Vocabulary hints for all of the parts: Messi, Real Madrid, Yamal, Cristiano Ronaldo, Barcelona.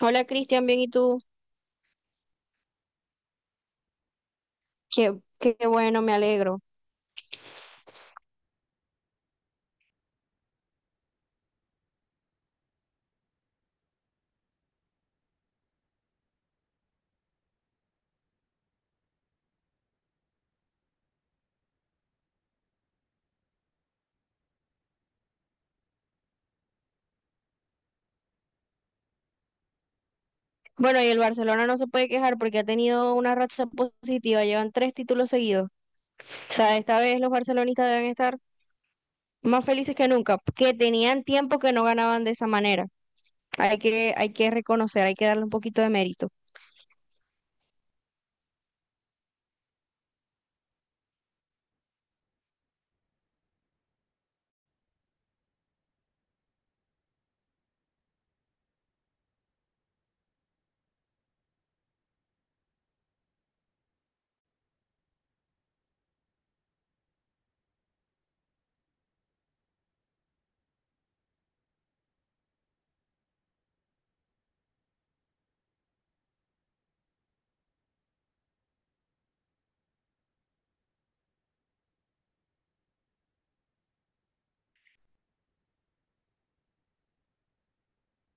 Hola Cristian, bien, ¿y tú? Qué bueno, me alegro. Bueno, y el Barcelona no se puede quejar porque ha tenido una racha positiva, llevan tres títulos seguidos. O sea, esta vez los barcelonistas deben estar más felices que nunca, que tenían tiempo que no ganaban de esa manera. Hay que reconocer, hay que darle un poquito de mérito.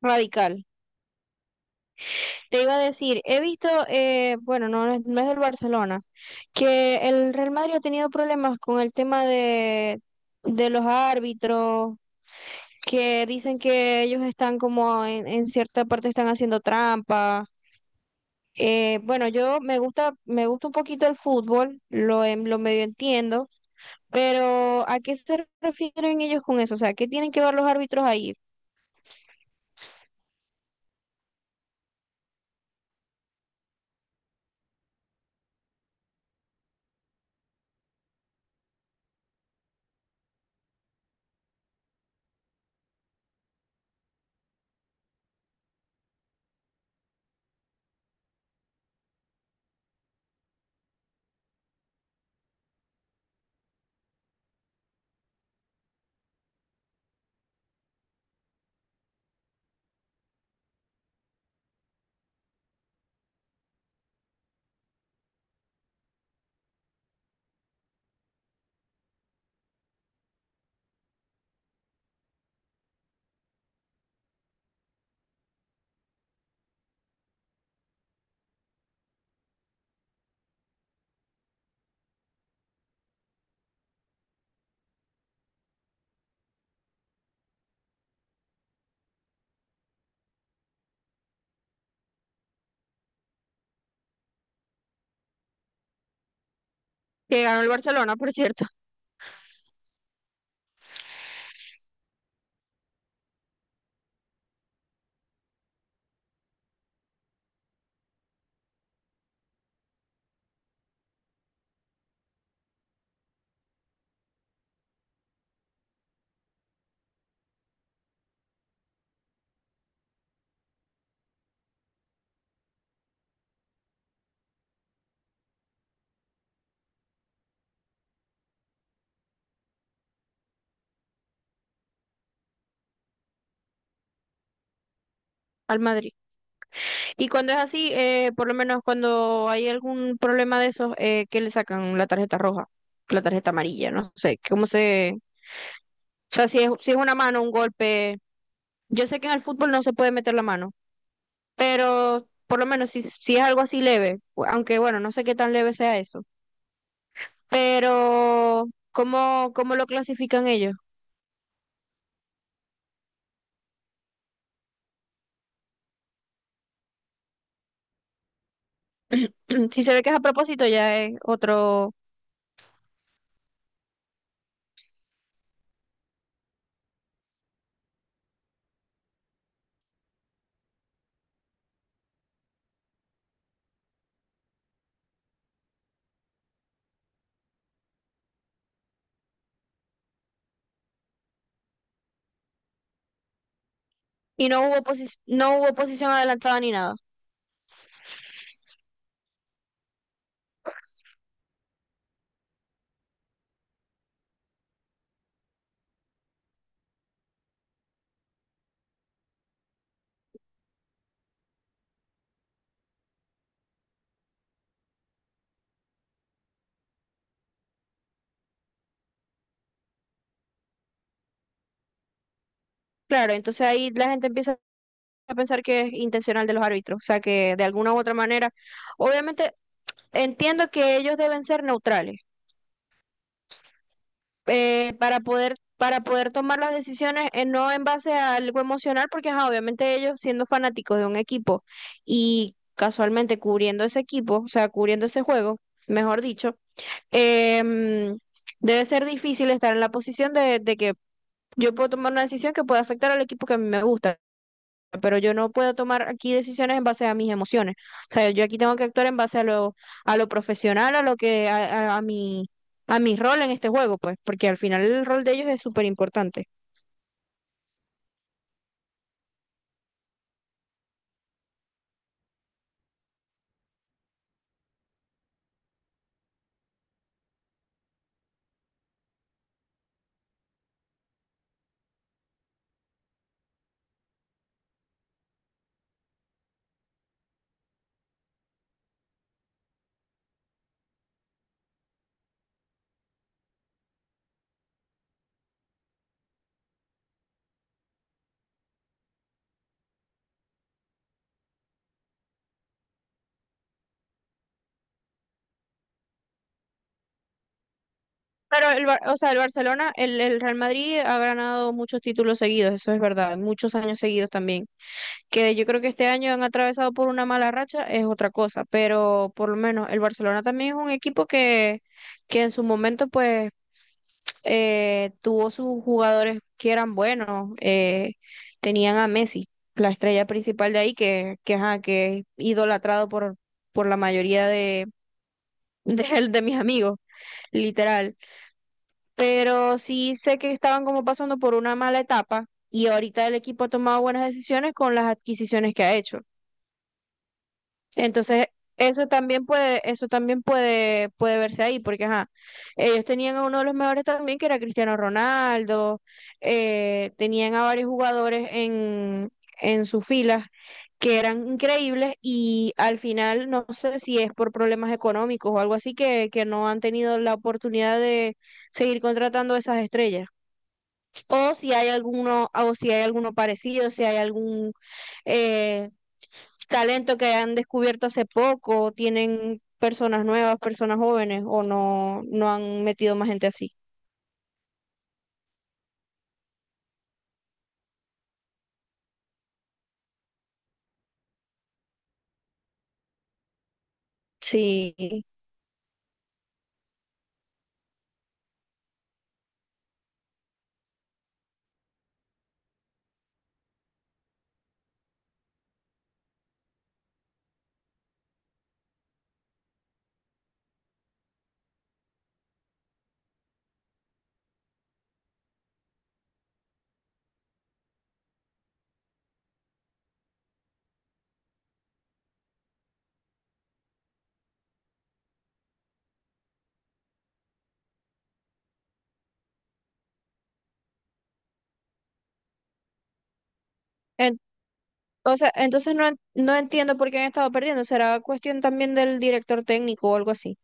Radical. Te iba a decir, he visto, bueno, no, no es del Barcelona, que el Real Madrid ha tenido problemas con el tema de los árbitros, que dicen que ellos están como en cierta parte están haciendo trampa. Bueno, me gusta un poquito el fútbol, lo medio entiendo, pero ¿a qué se refieren ellos con eso? O sea, ¿qué tienen que ver los árbitros ahí? Que ganó el Barcelona, por cierto, al Madrid. Y cuando es así, por lo menos cuando hay algún problema de esos, ¿qué le sacan la tarjeta roja? La tarjeta amarilla, no sé, ¿cómo se...? O sea, si es una mano, un golpe... Yo sé que en el fútbol no se puede meter la mano, pero por lo menos si es algo así leve, aunque bueno, no sé qué tan leve sea eso, pero ¿cómo lo clasifican ellos? Si se ve que es a propósito, ya es otro... Y no hubo, no hubo posición adelantada ni nada. Claro, entonces ahí la gente empieza a pensar que es intencional de los árbitros, o sea que de alguna u otra manera, obviamente entiendo que ellos deben ser neutrales, para poder tomar las decisiones, no en base a algo emocional, porque ajá, obviamente ellos siendo fanáticos de un equipo y casualmente cubriendo ese equipo, o sea, cubriendo ese juego, mejor dicho, em, debe ser difícil estar en la posición de que yo puedo tomar una decisión que pueda afectar al equipo que a mí me gusta, pero yo no puedo tomar aquí decisiones en base a mis emociones. O sea, yo aquí tengo que actuar en base a lo profesional, a lo que, a, a mi rol en este juego, pues, porque al final el rol de ellos es súper importante. Pero o sea, el Barcelona, el Real Madrid ha ganado muchos títulos seguidos, eso es verdad, muchos años seguidos también. Que yo creo que este año han atravesado por una mala racha es otra cosa, pero por lo menos el Barcelona también es un equipo que en su momento pues tuvo sus jugadores que eran buenos, tenían a Messi, la estrella principal de ahí, ajá, que es idolatrado por la mayoría de, de mis amigos, literal. Pero sí sé que estaban como pasando por una mala etapa y ahorita el equipo ha tomado buenas decisiones con las adquisiciones que ha hecho. Entonces, eso también puede verse ahí, porque ajá, ellos tenían a uno de los mejores también, que era Cristiano Ronaldo, tenían a varios jugadores en sus filas que eran increíbles y al final no sé si es por problemas económicos o algo así que no han tenido la oportunidad de seguir contratando a esas estrellas o si hay alguno, o si hay alguno parecido, si hay algún eh, talento que han descubierto hace poco, o tienen personas nuevas, personas jóvenes, o no, no han metido más gente así. Sí. En- o sea, entonces no, no entiendo por qué han estado perdiendo. Será cuestión también del director técnico o algo así.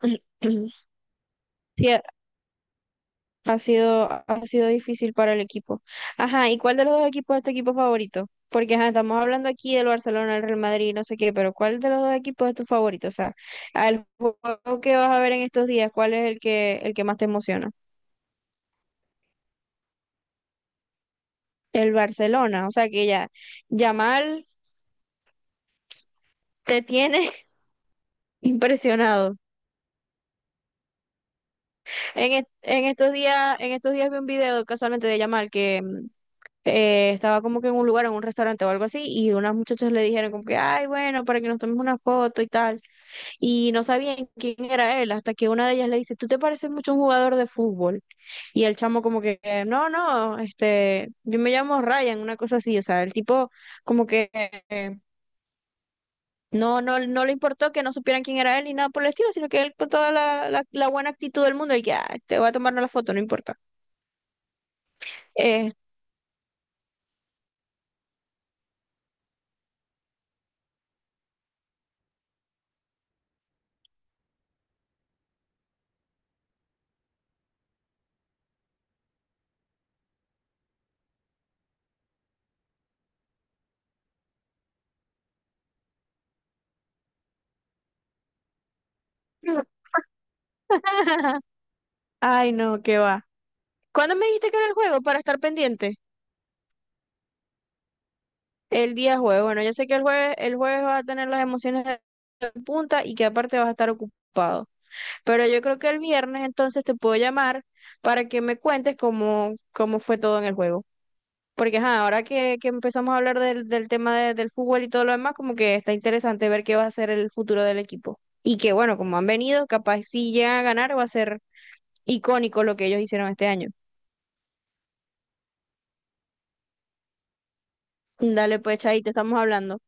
Sí, ha sido, ha sido difícil para el equipo. Ajá, ¿y cuál de los dos equipos es tu equipo favorito? Porque ajá, estamos hablando aquí del Barcelona, el Real Madrid, no sé qué, pero ¿cuál de los dos equipos es tu favorito? O sea, al juego que vas a ver en estos días, ¿cuál es el que más te emociona? El Barcelona, o sea que ya, Yamal te tiene impresionado. En estos días vi un video casualmente de Yamal que estaba como que en un lugar, en un restaurante o algo así, y unas muchachas le dijeron como que, ay, bueno, para que nos tomemos una foto y tal. Y no sabían quién era él, hasta que una de ellas le dice, tú te pareces mucho a un jugador de fútbol. Y el chamo como que, no, no, este, yo me llamo Ryan, una cosa así, o sea, el tipo como que... eh, no, no, no le importó que no supieran quién era él ni nada por el estilo, sino que él con toda la buena actitud del mundo, y que, "Ah, te voy a tomar la foto, no importa." Eh, Ay, no, qué va. ¿Cuándo me dijiste que era el juego para estar pendiente? El día jueves. Bueno, yo sé que el jueves vas a tener las emociones de punta y que aparte vas a estar ocupado. Pero yo creo que el viernes entonces te puedo llamar para que me cuentes cómo, cómo fue todo en el juego. Porque ajá, ahora que empezamos a hablar del tema del fútbol y todo lo demás, como que está interesante ver qué va a ser el futuro del equipo. Y que bueno, como han venido, capaz si llegan a ganar va a ser icónico lo que ellos hicieron este año. Dale pues, Chay, te estamos hablando.